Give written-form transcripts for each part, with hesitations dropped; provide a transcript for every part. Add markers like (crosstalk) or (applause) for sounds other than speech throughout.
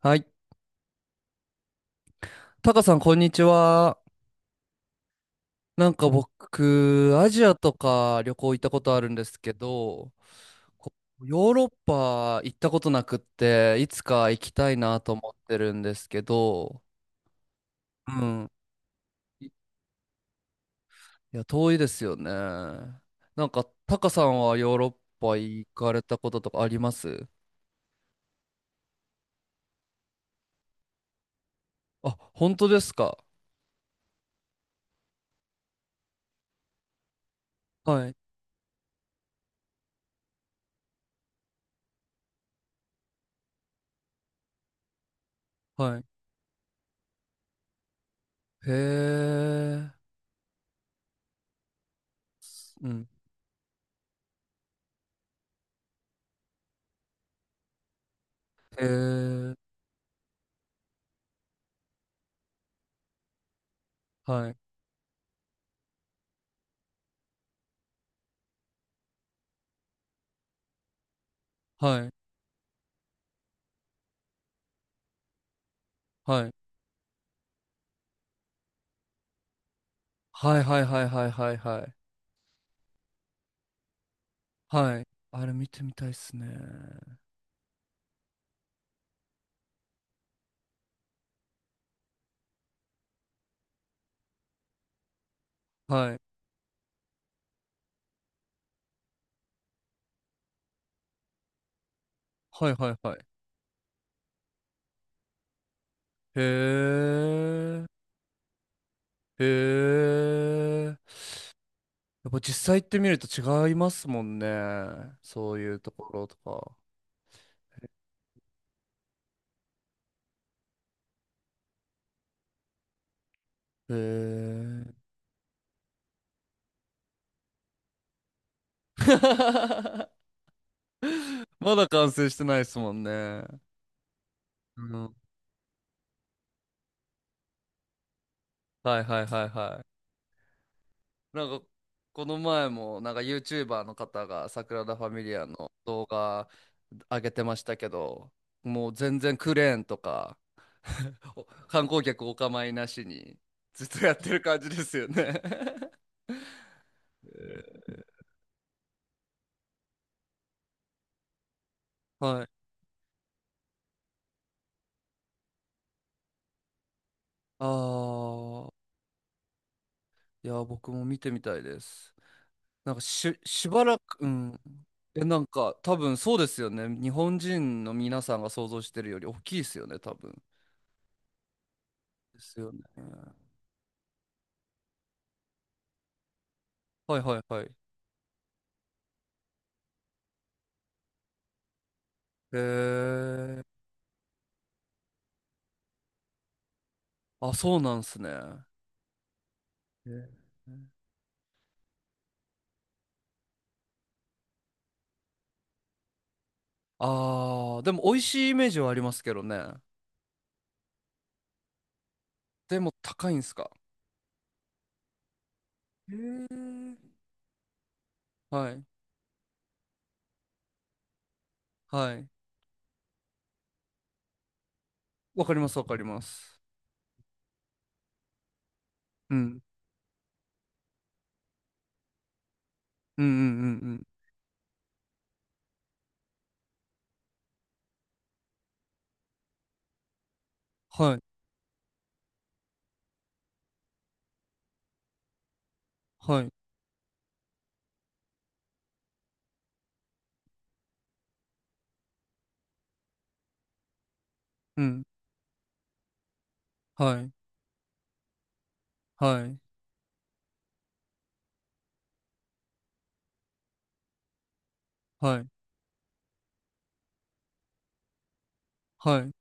はい。タカさん、こんにちは。なんか僕、アジアとか旅行行ったことあるんですけど、こヨーロッパ行ったことなくって、いつか行きたいなと思ってるんですけど、うん。いいや、遠いですよね。なんか、タカさんはヨーロッパ行かれたこととかあります？あ、本当ですか？はい。はい。へえ。うん。へえ。はい。はい。はい。はいはいはいはいはいはい。はい。あれ見てみたいっすね。はい。はいはいはい。へえ。へえ。やっぱ実際行ってみると違いますもんね。そういうところとか。へえ。(laughs) まだ完成してないですもんね。うん。はいはいはいはい。なんか、この前も、なんか YouTuber の方が、サグラダ・ファミリアの動画上げてましたけど、もう全然クレーンとか、(laughs) 観光客お構いなしにずっとやってる感じですよね？ (laughs) はい。ああ、いや、僕も見てみたいです。なんかしばらく、うん。え、なんか、多分そうですよね。日本人の皆さんが想像してるより大きいですよね、多分。ですよね。はいはいはい。へえ。あ、そうなんすね。へえ。ああ、でも美味しいイメージはありますけどね。でも高いんすか？へえ。はい。はい。わかります、わかります。うん。うんうんうんうん。はい。はい。うん。はい。はい。はい。はい。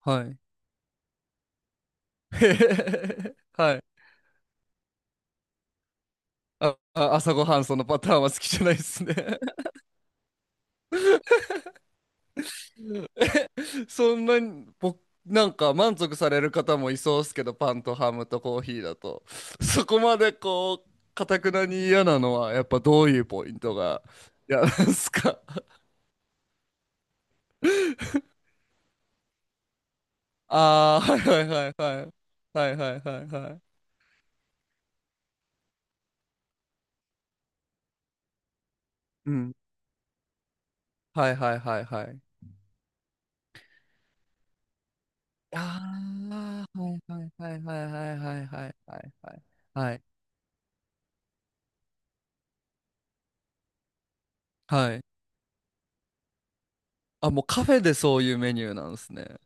はい。(laughs) へへへへはい。あ、朝ごはんそのパターンは好きじゃないですね。 (laughs) そんなに、僕、なんか満足される方もいそうですけど、パンとハムとコーヒーだと。そこまでこう、かたくなに嫌なのは、やっぱどういうポイントが嫌なんですか？ (laughs) ああー、はいはいはいはい。はいはいはいはい。うん。はいはいはいはい。ああ、はいはいはいはいはいはいはいはいはいはい。はい。あ、もうカフェでそういうメニューなんですね。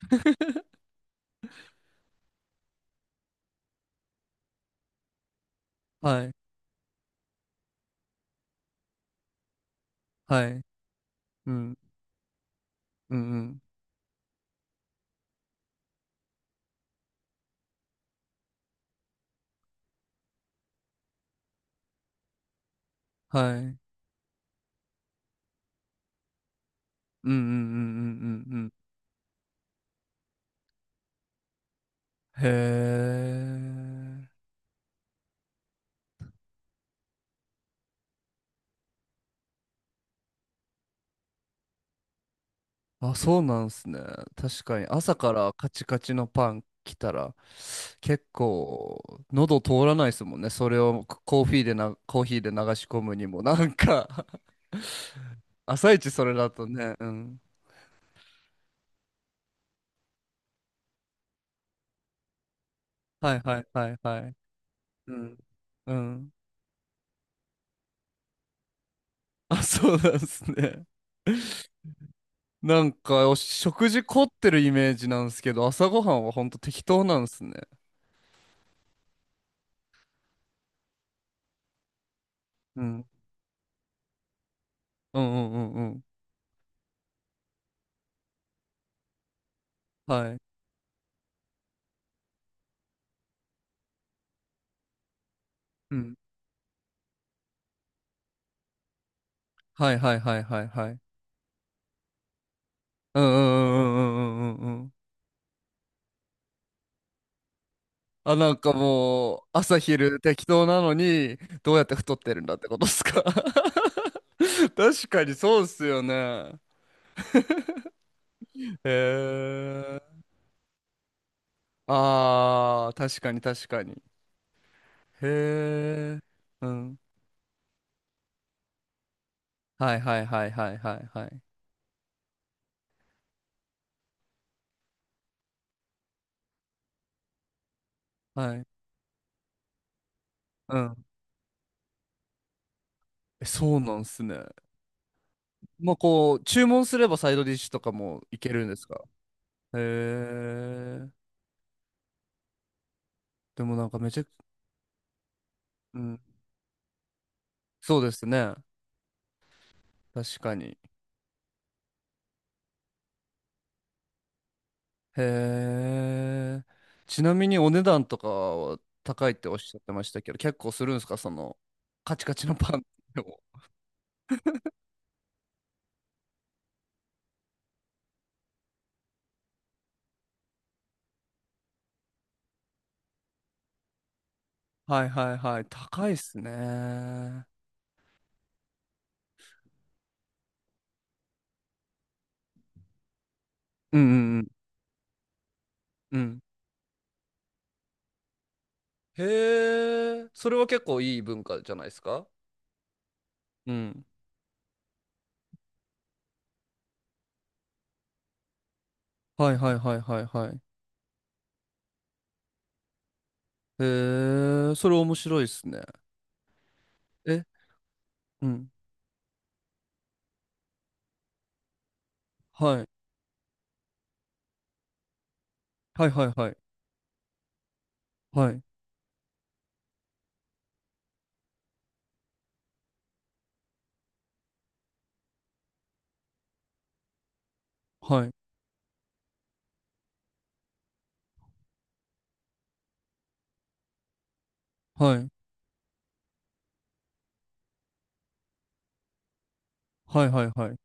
(laughs) はい。はい。うん。うんうん。はい。うんうんうんうんうんうん。へえ。あ、そうなんですね。確かに朝からカチカチのパン来たら結構喉通らないですもんね。それをコーヒーで流し込むにもなんか。 (laughs) 朝一それだとね、うん。はいはいはいはい。うん。うん。あ、そうなんですね。なんか、お食事凝ってるイメージなんですけど、朝ごはんはほんと適当なんですね。うん。うんうんうんうん。はい。うん。はいはいはいはいはい。うんうんうんうんうんうんうんうん。あ、なんかもう、朝昼適当なのに、どうやって太ってるんだってことですか？ (laughs) 確かにそうっすよね。へえ。ああ、確かに確かに。へえ。うん。はいはいはいはいはいはい。はい。うん。え、そうなんすね。まあこう、注文すればサイドディッシュとかもいけるんですか？へえ。でもなんかめちゃく、うん。そうですね。確かに。へえ。ちなみにお値段とかは高いっておっしゃってましたけど、結構するんですか？その、カチカチのパンでも。はいはいはい。高いっすね。うんうんうん。うん。へえ、それは結構いい文化じゃないですか？うん。はいはいはいはいはい。へえ、それ面白いですね。え、うん。はい。はいはいはい。はい。はい。はい。はいはいはい。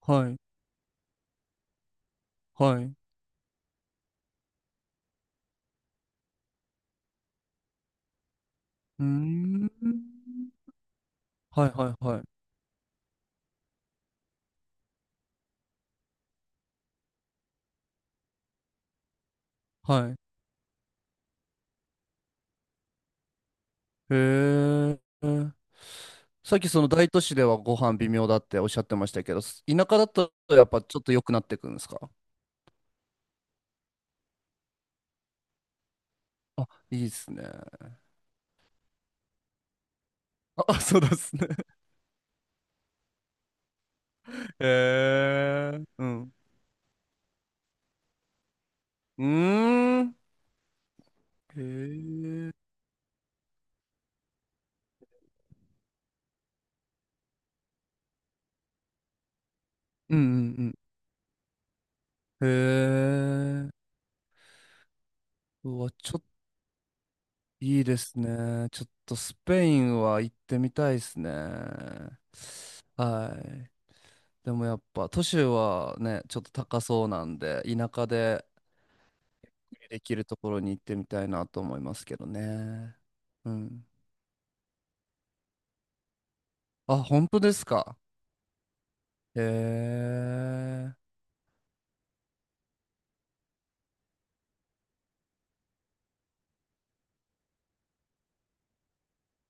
はい。はい。うーん。はいはいはい。はい。へえ。さっきその大都市ではご飯微妙だっておっしゃってましたけど、田舎だとやっぱちょっと良くなってくるんですか？あ、いいですね。あ、そうですね。へえ、うん。うーん。へえ、うんうんうん。へえ、うわ、ちょっといいですね。ちょっとスペインは行ってみたいですね。はい。でもやっぱ都市はね、ちょっと高そうなんで、田舎でできるところに行ってみたいなと思いますけどね。うん。あ、本当ですか。へえ、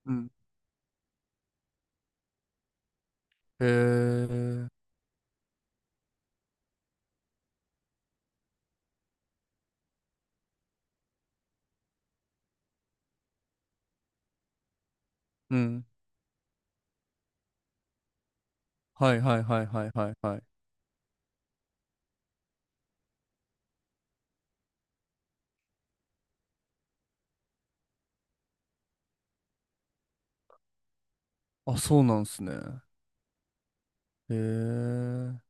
うん。へえ、うん。はいはいはいはいはいはい。あ、そうなんすね。へえ。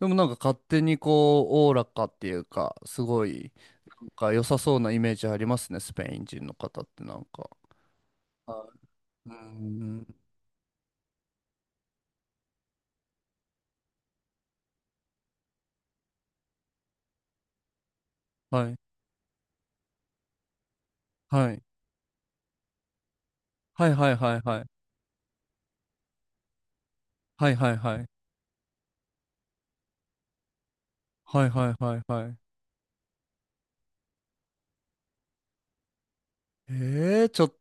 でもなんか勝手にこう、おおらかっていうか、すごい、なんか良さそうなイメージありますね、スペイン人の方ってなんか。はい。うん。はい。はい。はいはいはいはい。はいはいはい。はいはいはいはい。ええ、ちょっ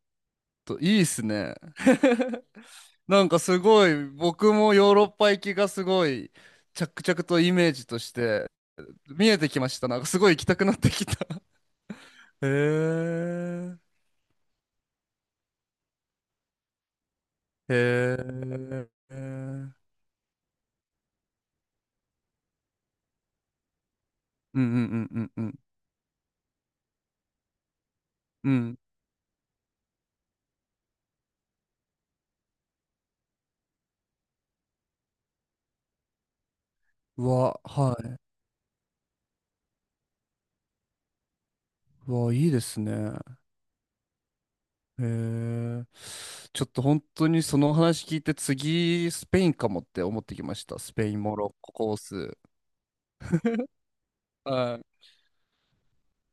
といいっすね。(laughs) なんかすごい、僕もヨーロッパ行きがすごい、着々とイメージとして見えてきました。なんかすごい行きたくなってきた。へえ、へえ、うんうんうんうんうん。うん。うわ、はい。うわ、いいですね。へえ。ちょっと本当にその話聞いて次、スペインかもって思ってきました。スペイン、モロッココース。はい。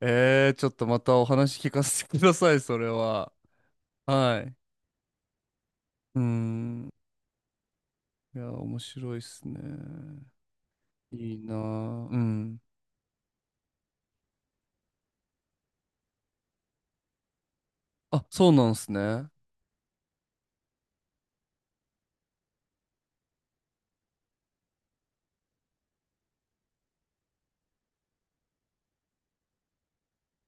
ちょっとまたお話聞かせてください、それは。はい。うん。いや、面白いっすね。いいなぁ。うん。あ、そうなんすね。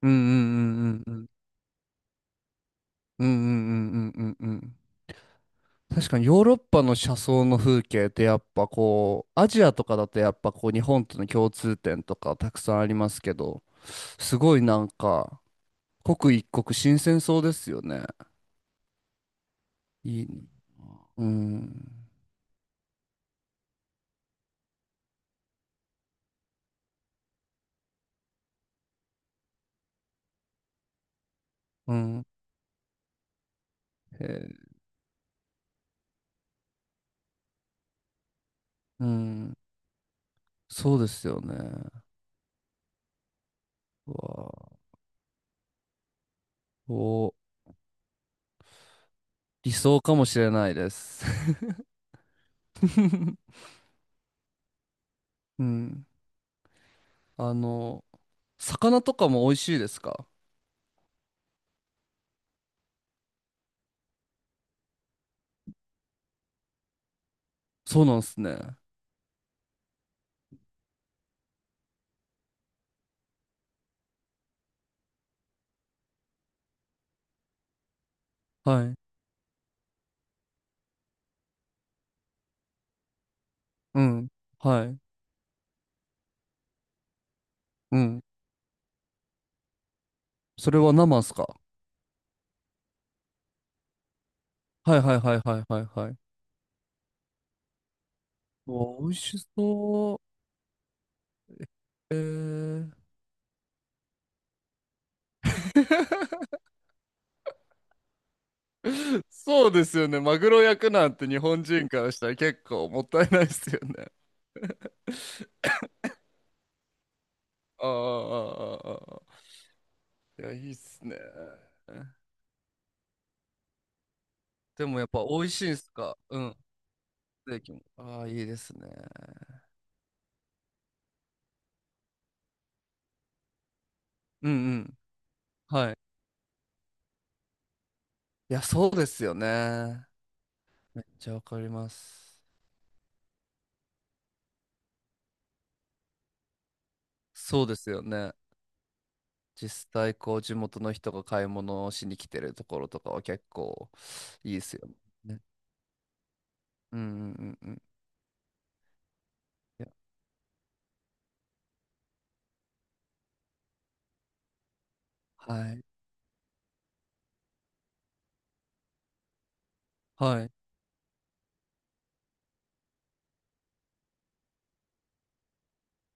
うんうんうんうんうん。うんうんうんうんうんうん。確かにヨーロッパの車窓の風景ってやっぱこう、アジアとかだとやっぱこう日本との共通点とかたくさんありますけど、すごいなんか、刻一刻新鮮そうですよね。いい。うん。うん。へえ。うん。そうですよね。うわあ。お、理想かもしれないです。(laughs) うん。あの、魚とかも美味しいですか？そうなんですね。はい。うん。はい。うん。それは生っすか？はいはいはいはいはいはい。うわ、美味しそう。えー。(laughs) そうですよね。マグロ焼くなんて日本人からしたら結構もったいないですよね。ああ、ああ、ああ、いや、いいっすね。でもやっぱ美味しいんすか？うん。ステーキも。ああ、いいですね。うんうん。はい。いや、そうですよね。めっちゃわかります。そうですよね。実際こう地元の人が買い物をしに来てるところとかは結構いいですよね。うんうんうんうん。いや、はい。はい。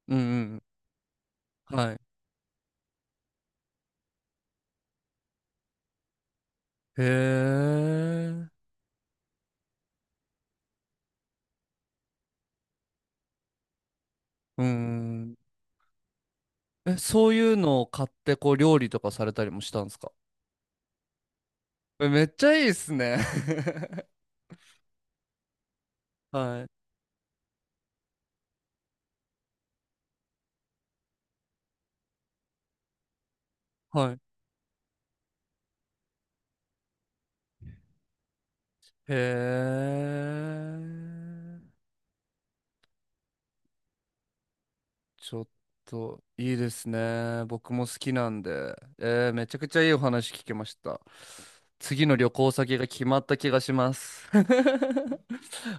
うんうんうん。はい。へえ。うん。え、そういうのを買ってこう料理とかされたりもしたんですか？え、めっちゃいいっすね。(laughs) はい。はい。へえ。ちょっといいですね。僕も好きなんで。めちゃくちゃいいお話聞けました。次の旅行先が決まった気がします。(laughs)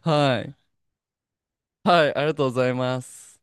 はい。はい、ありがとうございます。